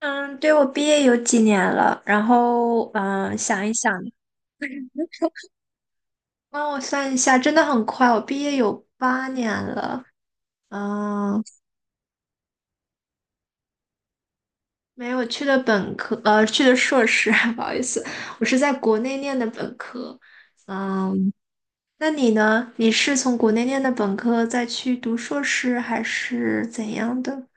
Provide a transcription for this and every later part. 嗯，对，我毕业有几年了，然后想一想 帮我算一下，真的很快，我毕业有八年了。嗯，没有去的本科，去的硕士，不好意思，我是在国内念的本科。嗯，那你呢？你是从国内念的本科再去读硕士，还是怎样的？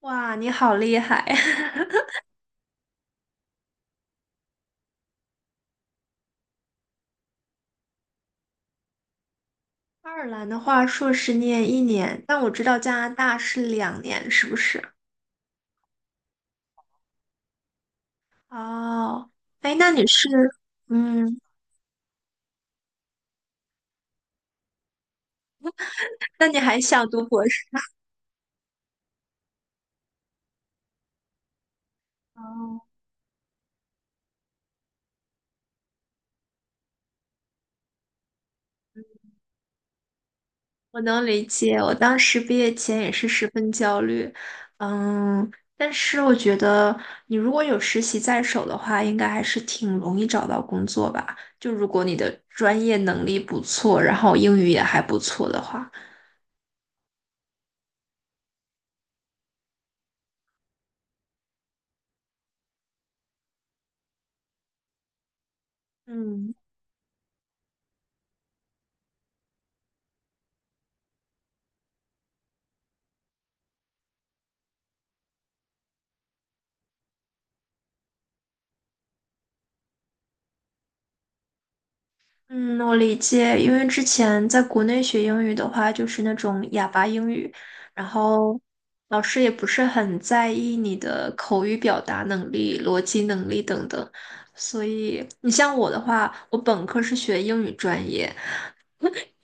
哇，你好厉害！爱尔兰的话，硕士念一年，但我知道加拿大是两年，是不是？哦，哎，那你是，嗯，那你还想读博士？哦，我能理解。我当时毕业前也是十分焦虑，嗯，但是我觉得你如果有实习在手的话，应该还是挺容易找到工作吧。就如果你的专业能力不错，然后英语也还不错的话，嗯。嗯，我理解，因为之前在国内学英语的话，就是那种哑巴英语，然后老师也不是很在意你的口语表达能力、逻辑能力等等。所以你像我的话，我本科是学英语专业，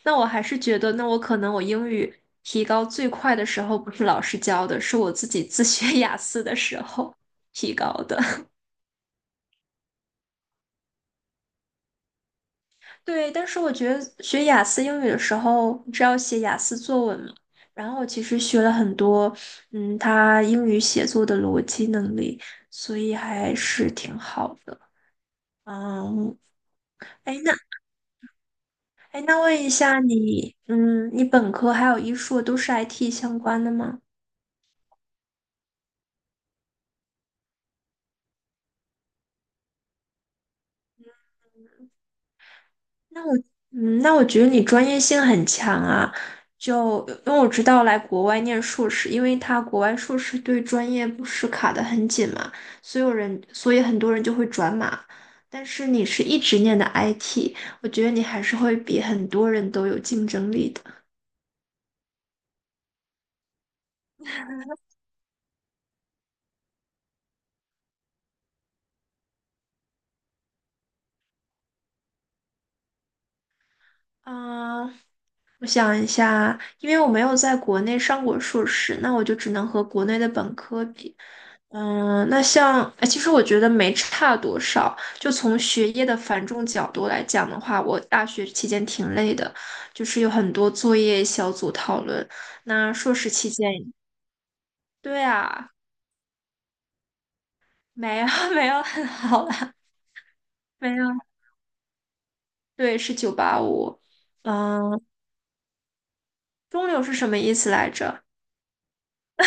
那我还是觉得，那我可能我英语提高最快的时候，不是老师教的，是我自己自学 雅思的时候提高的。对，但是我觉得学雅思英语的时候，你知道写雅思作文嘛？然后我其实学了很多，嗯，他英语写作的逻辑能力，所以还是挺好的。嗯，哎，那哎，那问一下你，你本科还有一硕都是 IT 相关的吗？那我那我觉得你专业性很强啊。就因为我知道来国外念硕士，因为他国外硕士对专业不是卡得很紧嘛，所有人，所以很多人就会转码。但是你是一直念的 IT,我觉得你还是会比很多人都有竞争力的。嗯，我想一下，因为我没有在国内上过硕士，那我就只能和国内的本科比。嗯，那像，哎，其实我觉得没差多少。就从学业的繁重角度来讲的话，我大学期间挺累的，就是有很多作业、小组讨论。那硕士期间，对啊，没有 没有很好啦，没有，对，是九八五。嗯，中流是什么意思来着？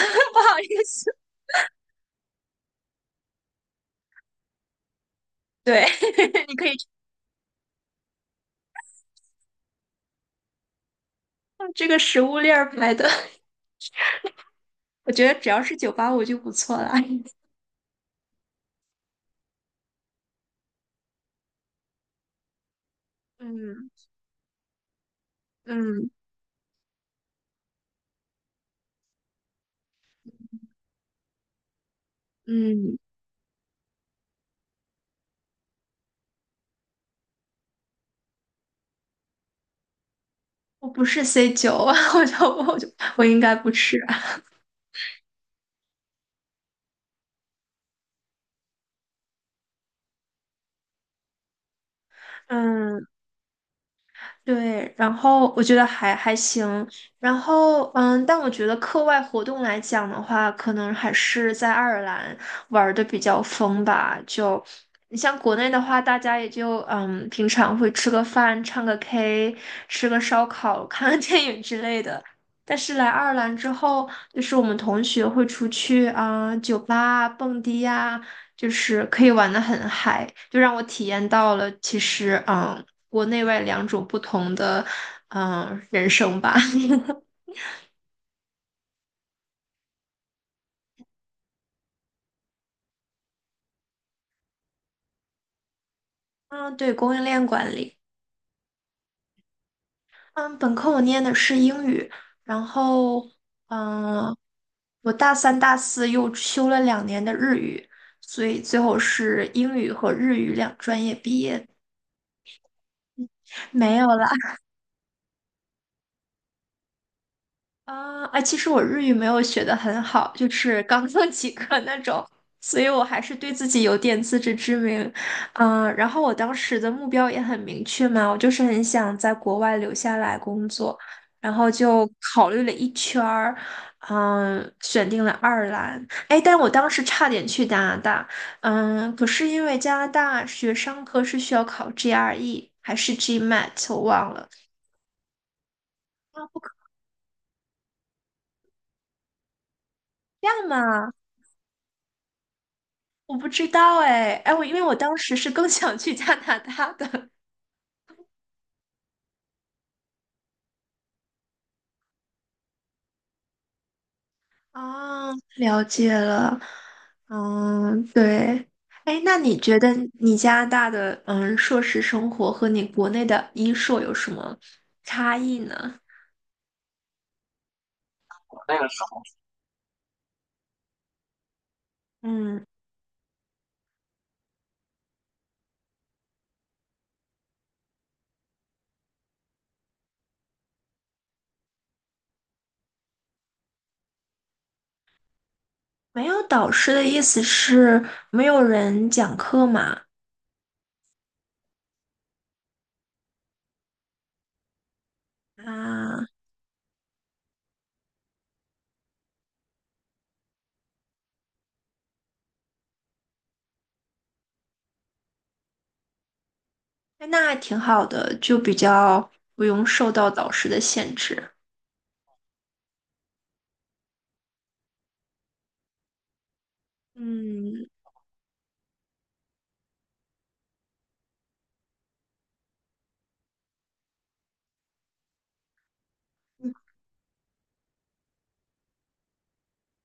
不好意思，对，你可以这个食物链儿买的，我觉得只要是九八五就不错了。嗯嗯嗯，我不是 C 九，我就我应该不是。嗯。对，然后我觉得还行，然后但我觉得课外活动来讲的话，可能还是在爱尔兰玩的比较疯吧。就你像国内的话，大家也就嗯，平常会吃个饭、唱个 K、吃个烧烤、看个电影之类的。但是来爱尔兰之后，就是我们同学会出去啊、酒吧啊、蹦迪呀、就是可以玩的很嗨，就让我体验到了其实嗯，国内外两种不同的嗯人生吧。嗯，对，供应链管理。嗯，本科我念的是英语，然后嗯，我大三、大四又修了两年的日语，所以最后是英语和日语两专业毕业。没有啦。啊，哎，其实我日语没有学的很好，就是刚刚 及格那种，所以我还是对自己有点自知之明。嗯，然后我当时的目标也很明确嘛，我就是很想在国外留下来工作，然后就考虑了一圈儿，嗯，选定了爱尔兰。哎，但我当时差点去加拿大，嗯，可是因为加拿大学商科是需要考 GRE 还是 GMAT,我忘了。啊，不可这样嘛？我不知道哎，哎，我因为我当时是更 想去加拿大的。啊，了解了。嗯，对。哎，那你觉得你加拿大的嗯硕士生活和你国内的医硕有什么差异呢？嗯，没有导师的意思是没有人讲课嘛？啊，哎那还挺好的，就比较不用受到导师的限制。嗯，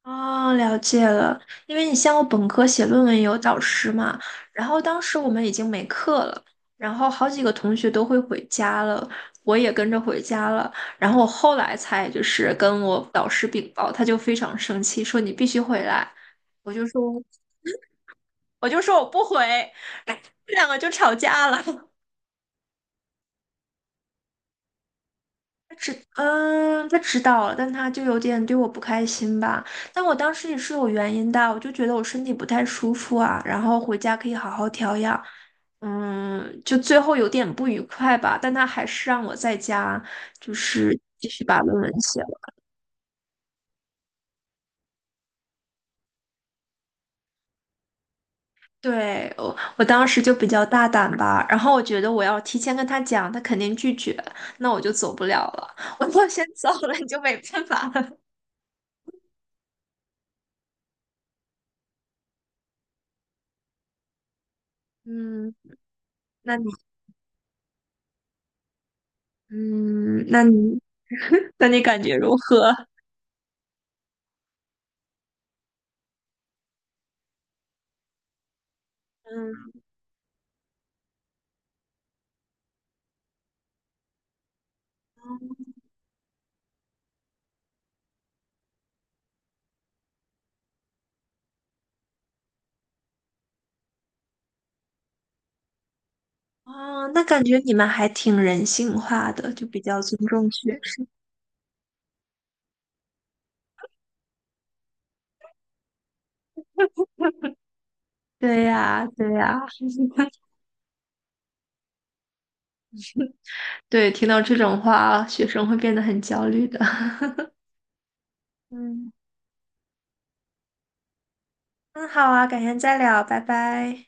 哦，了解了。因为你像我本科写论文有导师嘛，然后当时我们已经没课了，然后好几个同学都会回家了，我也跟着回家了。然后我后来才就是跟我导师禀报，他就非常生气，说你必须回来。我就说，我就说我不回，这两个就吵架了。他知，嗯，他知道了，但他就有点对我不开心吧。但我当时也是有原因的，我就觉得我身体不太舒服啊，然后回家可以好好调养。嗯，就最后有点不愉快吧，但他还是让我在家，就是继续把论文写了。对，我，我当时就比较大胆吧，然后我觉得我要提前跟他讲，他肯定拒绝，那我就走不了了。我要先走了，你就没办法了。嗯，那你。嗯，那你 那你感觉如何？嗯，哦，那感觉你们还挺人性化的，就比较尊重学。对呀，对呀，对，听到这种话，学生会变得很焦虑的。嗯，那好啊，改天再聊，拜拜。